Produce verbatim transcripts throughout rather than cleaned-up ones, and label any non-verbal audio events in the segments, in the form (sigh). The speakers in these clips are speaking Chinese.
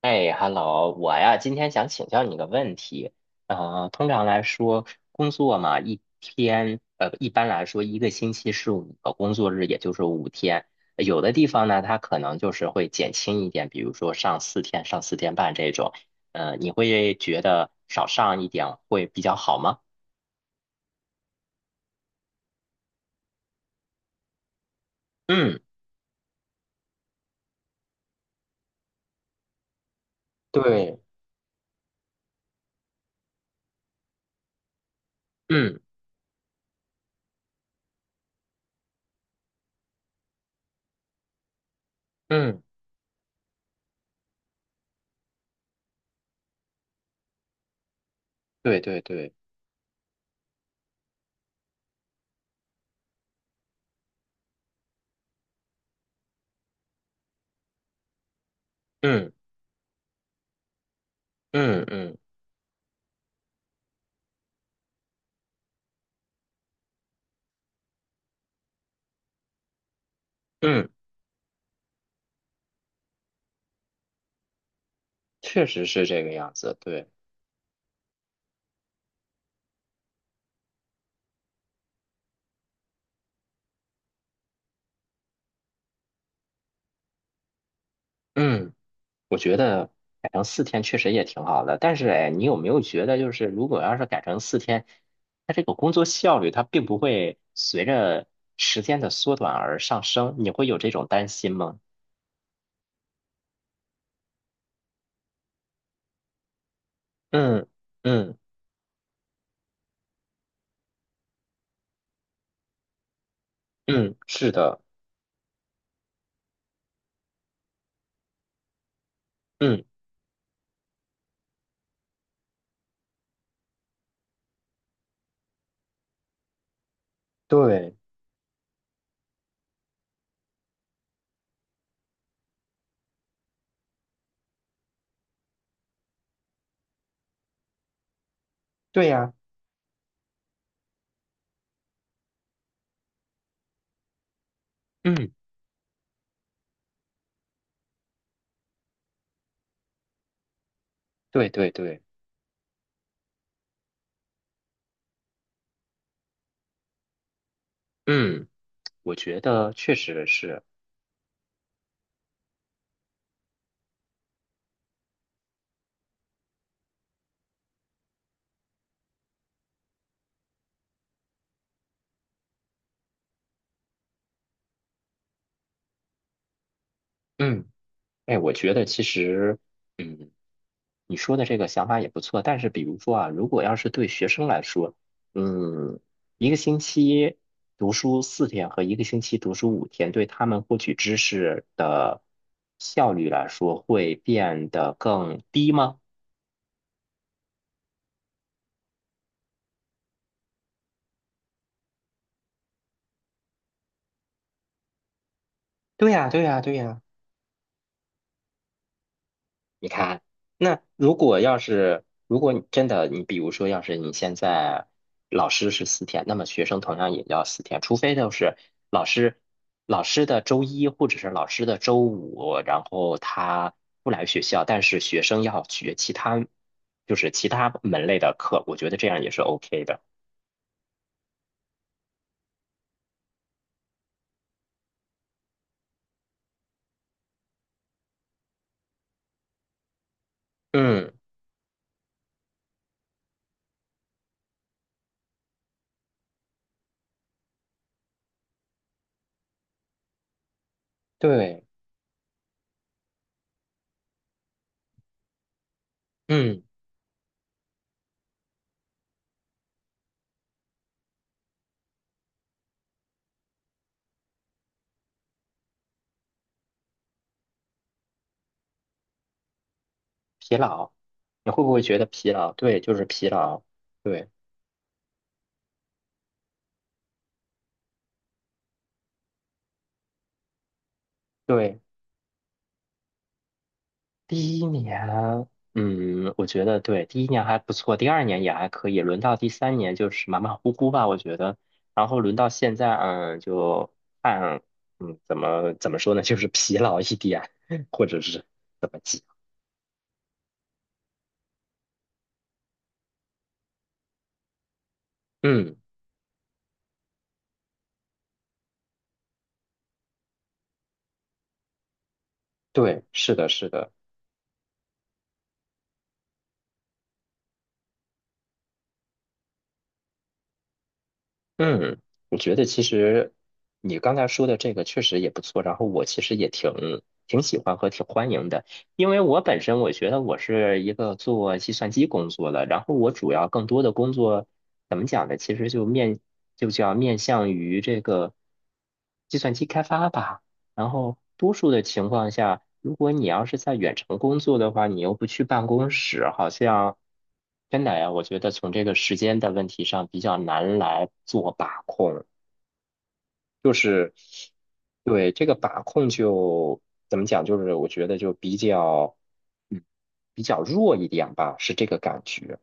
哎，Hello，我呀，今天想请教你个问题。啊。通常来说，工作嘛，一天，呃，一般来说，一个星期是五个工作日，也就是五天。有的地方呢，它可能就是会减轻一点，比如说上四天、上四天半这种。呃，你会觉得少上一点会比较好吗？嗯，对，嗯嗯，对对对，嗯嗯嗯嗯，确实是这个样子，对，嗯。我觉得改成四天确实也挺好的，但是哎，你有没有觉得，就是如果要是改成四天，它这个工作效率它并不会随着时间的缩短而上升，你会有这种担心吗？嗯嗯嗯，是的，嗯，对对呀，嗯，对对对，嗯，我觉得确实是，嗯，哎，我觉得其实，嗯。你说的这个想法也不错，但是比如说啊，如果要是对学生来说，嗯，一个星期读书四天和一个星期读书五天，对他们获取知识的效率来说，会变得更低吗？对呀，对呀，对呀。你看，那如果要是，如果你真的，你比如说，要是你现在老师是四天，那么学生同样也要四天，除非就是老师老师的周一或者是老师的周五，然后他不来学校，但是学生要学其他就是其他门类的课，我觉得这样也是 OK 的。嗯，对，嗯，疲劳，你会不会觉得疲劳？对，就是疲劳。对对。第一年，嗯，我觉得对，第一年还不错，第二年也还可以，轮到第三年就是马马虎虎吧，我觉得。然后轮到现在，嗯，就按，嗯，怎么怎么说呢，就是 (laughs) 疲劳一点，(laughs) 或者是怎么讲，嗯，对，是的，是的。嗯，我觉得其实你刚才说的这个确实也不错，然后我其实也挺挺喜欢和挺欢迎的，因为我本身我觉得我是一个做计算机工作的，然后我主要更多的工作怎么讲呢？其实就面就叫面向于这个计算机开发吧。然后多数的情况下，如果你要是在远程工作的话，你又不去办公室，好像真的呀，我觉得从这个时间的问题上比较难来做把控，就是对这个把控就怎么讲，就是我觉得就比较嗯比较弱一点吧，是这个感觉。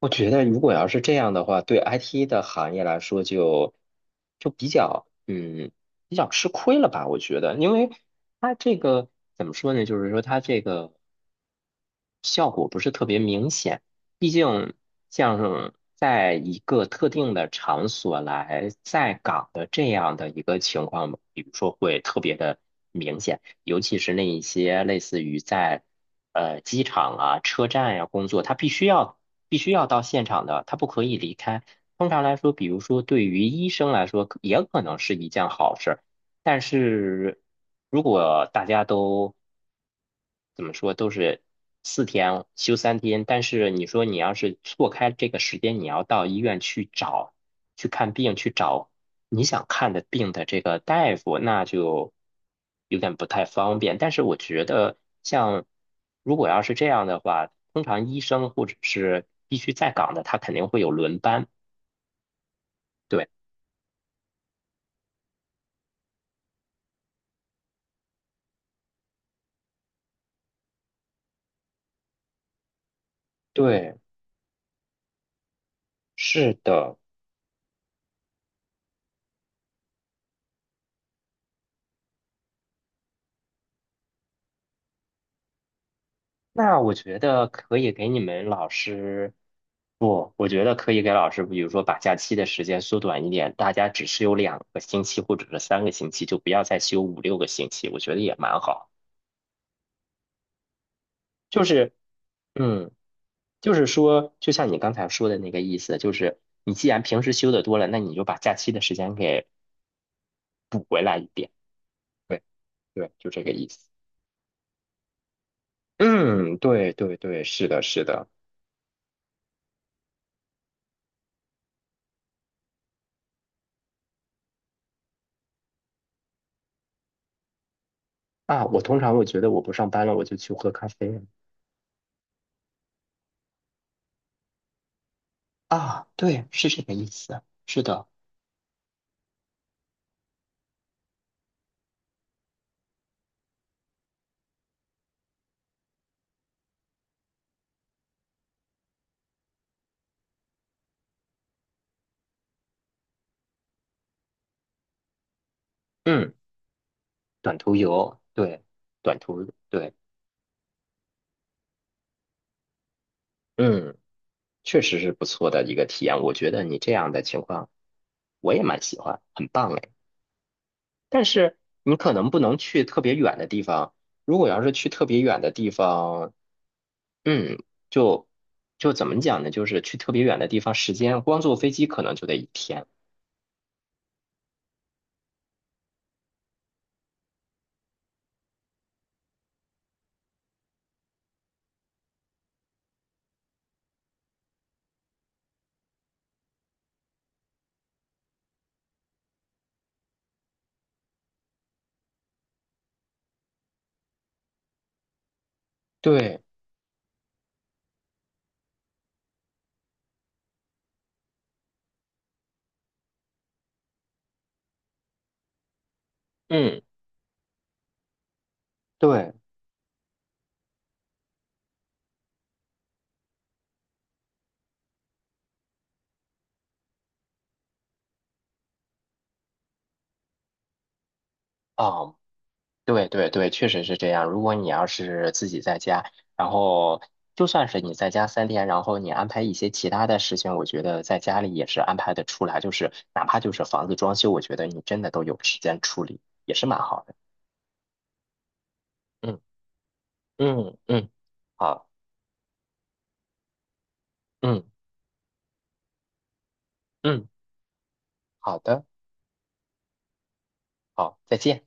我觉得如果要是这样的话，对 I T 的行业来说就就比较嗯比较吃亏了吧？我觉得，因为它这个怎么说呢？就是说它这个。效果不是特别明显。毕竟，像在一个特定的场所来在岗的这样的一个情况，比如说会特别的明显，尤其是那一些类似于在呃机场啊、车站呀、工作，他必须要必须要到现场的，他不可以离开。通常来说，比如说对于医生来说，可也可能是一件好事。但是如果大家都怎么说，都是四天休三天，但是你说你要是错开这个时间，你要到医院去找，去看病，去找你想看的病的这个大夫，那就有点不太方便。但是我觉得，像如果要是这样的话，通常医生或者是必须在岗的，他肯定会有轮班。对，对，是的。那我觉得可以给你们老师，不，我觉得可以给老师，比如说把假期的时间缩短一点，大家只是有两个星期或者是三个星期，就不要再休五六个星期，我觉得也蛮好。就是，嗯，就是说，就像你刚才说的那个意思，就是你既然平时休的多了，那你就把假期的时间给补回来一点。对对，就这个意思。嗯，对对对，是的，是的。啊，我通常我觉得我不上班了，我就去喝咖啡。啊，对，是这个意思，是的，嗯，短途游，对，短途，对，嗯，确实是不错的一个体验。我觉得你这样的情况，我也蛮喜欢，很棒哎。但是你可能不能去特别远的地方，如果要是去特别远的地方，嗯，就就怎么讲呢？就是去特别远的地方，时间光坐飞机可能就得一天。对，嗯，对，啊，对对对，确实是这样。如果你要是自己在家，然后就算是你在家三天，然后你安排一些其他的事情，我觉得在家里也是安排的出来。就是哪怕就是房子装修，我觉得你真的都有时间处理，也是蛮好的。嗯嗯嗯，好，嗯嗯，好的，好，再见。